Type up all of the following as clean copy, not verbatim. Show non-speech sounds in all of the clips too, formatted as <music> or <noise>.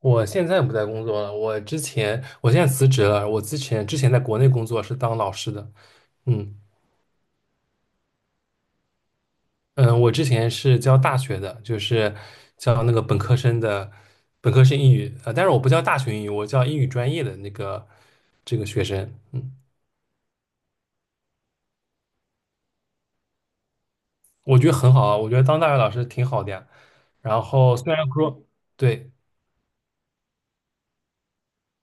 我现在不在工作了，我之前我现在辞职了。我之前在国内工作是当老师的，嗯嗯，我之前是教大学的，就是教那个本科生英语，但是我不教大学英语，我教英语专业的那个这个学生，嗯，我觉得很好啊，我觉得当大学老师挺好的呀。然后虽然说对，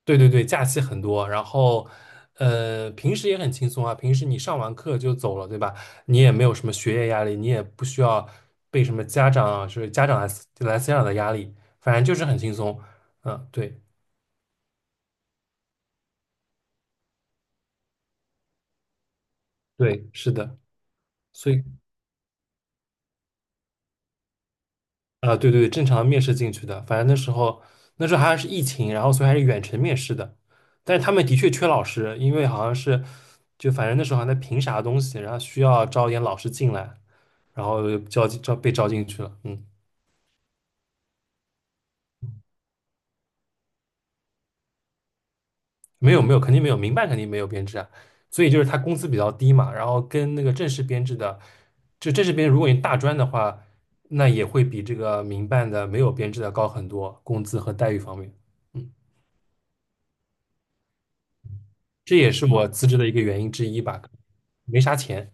对对对，假期很多，然后平时也很轻松啊。平时你上完课就走了，对吧？你也没有什么学业压力，你也不需要被什么家长来思想的压力，反正就是很轻松。嗯，对对，是的。所以啊，对对对，正常面试进去的，反正那时候还是疫情，然后所以还是远程面试的。但是他们的确缺老师，因为好像是就反正那时候还在评啥东西，然后需要招一点老师进来，然后就招进招被招进去了。嗯。没有没有，肯定没有，民办肯定没有编制啊，所以就是他工资比较低嘛，然后跟那个正式编制的，就正式编制如果你大专的话，那也会比这个民办的没有编制的高很多，工资和待遇方面，嗯，这也是我辞职的一个原因之一吧，没啥钱，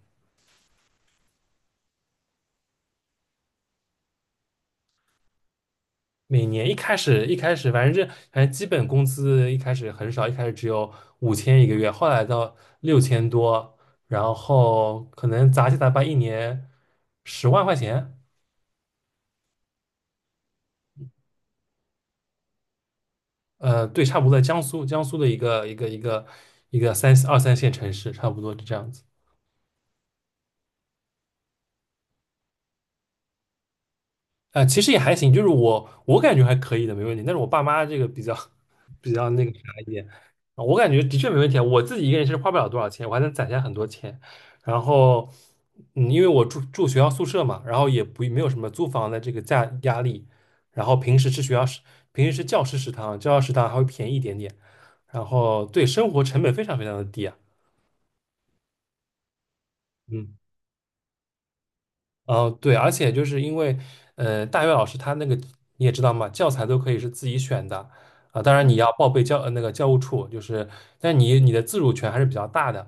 每年一开始反正反正基本工资一开始很少，一开始只有5000一个月，后来到6000多，然后可能杂七杂八一年10万块钱。对，差不多在江苏，江苏的一个二三线城市，差不多是这样子。其实也还行，就是我感觉还可以的，没问题。但是我爸妈这个比较 <laughs> 比较那个啥一点，啊我感觉的确没问题啊。我自己一个人其实花不了多少钱，我还能攒下很多钱。然后，嗯，因为我住学校宿舍嘛，然后也不没有什么租房的这个压力。然后平时吃教师食堂，教师食堂还会便宜一点点。然后对生活成本非常非常的低啊。嗯。哦，对，而且就是因为，大学老师他那个你也知道嘛，教材都可以是自己选的，啊、当然你要报备那个教务处，就是，但你的自主权还是比较大的，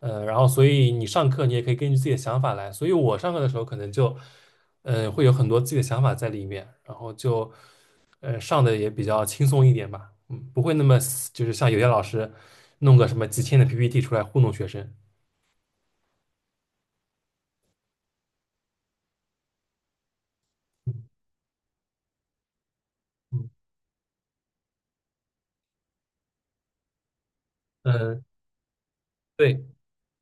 然后所以你上课你也可以根据自己的想法来，所以我上课的时候可能就，会有很多自己的想法在里面，然后就，上的也比较轻松一点吧，嗯，不会那么死就是像有些老师弄个什么几千的 PPT 出来糊弄学生，嗯嗯，对。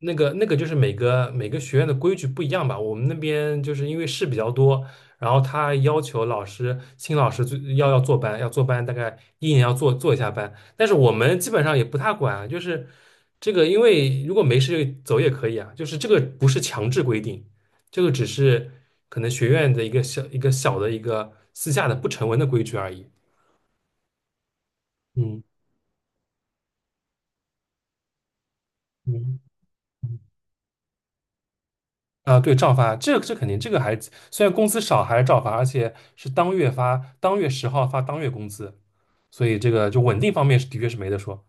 那个就是每个学院的规矩不一样吧。我们那边就是因为事比较多，然后他要求新老师最要坐班，要坐班，大概一年要做做一下班。但是我们基本上也不太管啊就是这个，因为如果没事就走也可以啊，就是这个不是强制规定，这个只是可能学院的一个小的一个私下的不成文的规矩而已。嗯嗯嗯啊，对，照发，这肯定，这个还虽然工资少，还是照发，而且是当月发，当月10号发当月工资，所以这个就稳定方面是的确是没得说。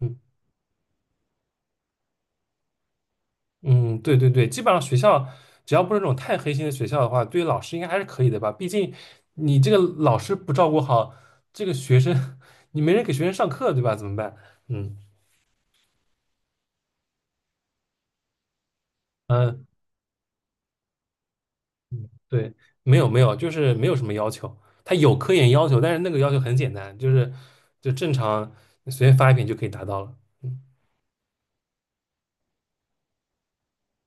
嗯嗯，对对对，基本上学校只要不是那种太黑心的学校的话，对于老师应该还是可以的吧？毕竟你这个老师不照顾好这个学生，<laughs> 你没人给学生上课，对吧？怎么办？嗯。呃对，没有没有，就是没有什么要求。他有科研要求，但是那个要求很简单，就正常你随便发一篇就可以达到了。嗯，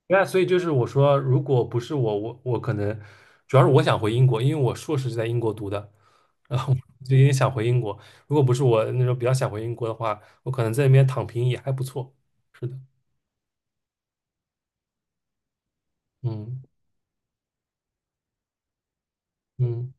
那所以就是我说，如果不是我，我可能主要是我想回英国，因为我硕士是在英国读的，然后我就有点想回英国。如果不是我那时候比较想回英国的话，我可能在那边躺平也还不错。是的，嗯嗯。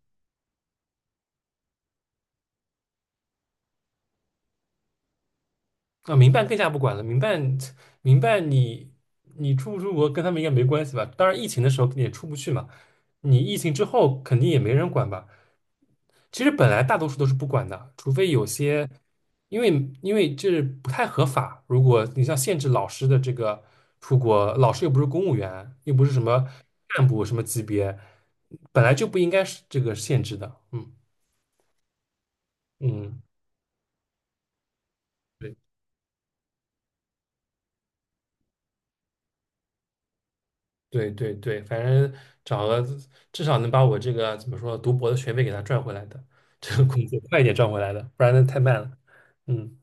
啊，民办更加不管了。民办你出不出国跟他们应该没关系吧？当然，疫情的时候也出不去嘛。你疫情之后肯定也没人管吧？其实本来大多数都是不管的，除非有些，因为因为这不太合法。如果你像限制老师的这个出国，老师又不是公务员，又不是什么干部什么级别，本来就不应该是这个限制的。嗯嗯。对。对对对，反正找个至少能把我这个怎么说读博的学费给他赚回来的，<laughs> 这个工作快一点赚回来的，不然那太慢了。嗯，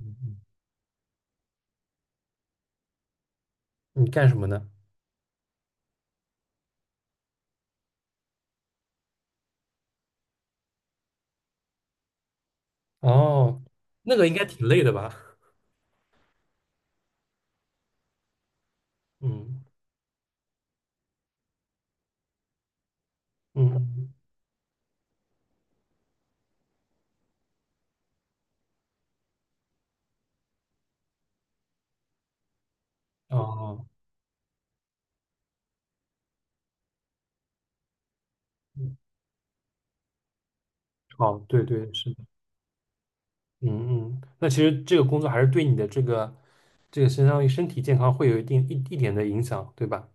嗯嗯你干什么呢？哦，那个应该挺累的吧？嗯嗯，哦嗯哦，对对是的，嗯嗯，那其实这个工作还是对你的这个相当于身体健康会有一定一一点的影响，对吧？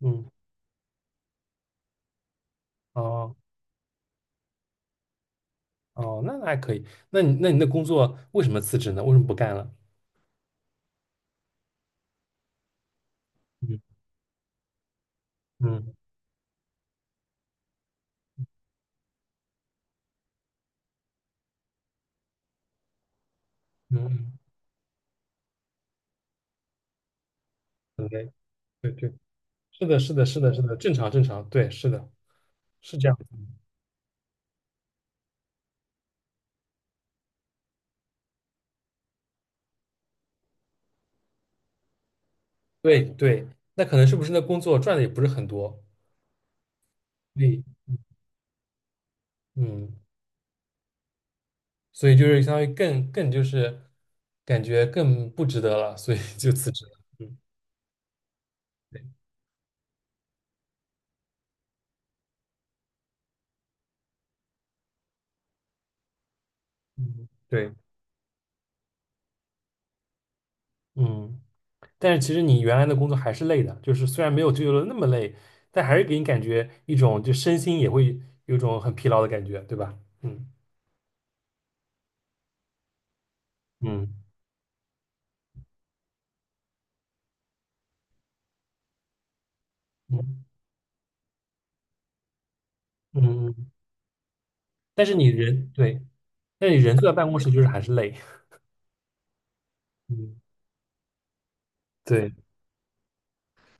嗯，哦哦，那还可以。那你的工作为什么辞职呢？为什么不干了？嗯嗯。嗯，很累，对对，是的，是的，是的，是的，正常正常，对，是的，是这样子，对对，那可能是不是那工作赚的也不是很多，所以嗯，所以就是相当于更就是感觉更不值得了，所以就辞职了，嗯，对，嗯，对，嗯，但是其实你原来的工作还是累的，就是虽然没有自由的那么累，但还是给你感觉一种就身心也会有一种很疲劳的感觉，对吧？嗯嗯嗯嗯嗯，但是你人对。那你人坐在办公室就是还是累。嗯，对，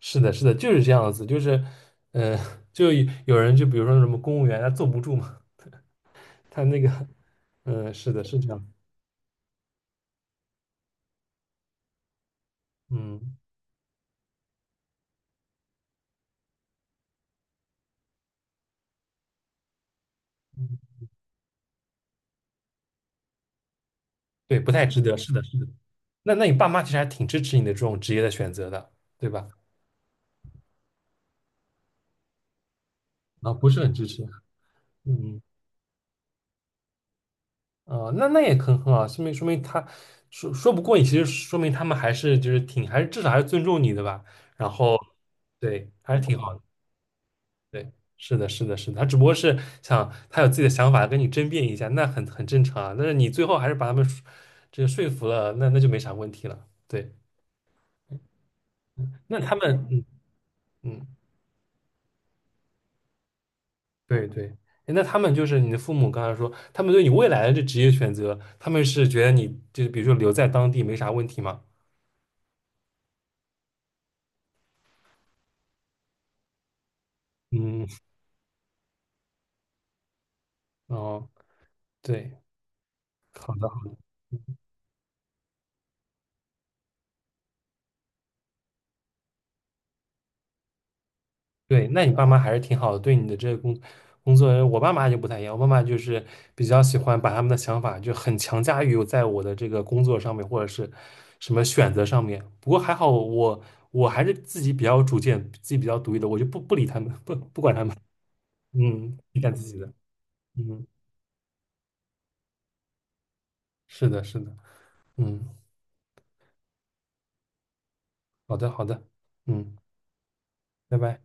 是的，是的，就是这样子，就是，呃，就有人就比如说什么公务员，他坐不住嘛，他那个，嗯、是的，是这样，嗯，对，不太值得，是的，是的。那那你爸妈其实还挺支持你的这种职业的选择的，对吧？啊，不是很支持，嗯，啊、那也很好，说明他说不过你，其实说明他们还是就是挺还是至少还是尊重你的吧，然后对，还是挺好的。对，是的，是的，是的，他只不过是想他有自己的想法跟你争辩一下，那很正常啊。但是你最后还是把他们说这个说服了，那就没啥问题了。对，嗯那他们，嗯嗯，对对，诶那他们就是你的父母刚才说，他们对你未来的这职业选择，他们是觉得你就是比如说留在当地没啥问题吗？嗯，哦，对，好的。对，那你爸妈还是挺好的，对你的这个工作，我爸妈就不太一样，我爸妈就是比较喜欢把他们的想法就很强加于在我的这个工作上面，或者是什么选择上面。不过还好我，还是自己比较有主见，自己比较独立的，我就不理他们，不管他们，嗯，你干自己的，嗯，是的，是的，嗯，好的，好的，嗯，拜拜。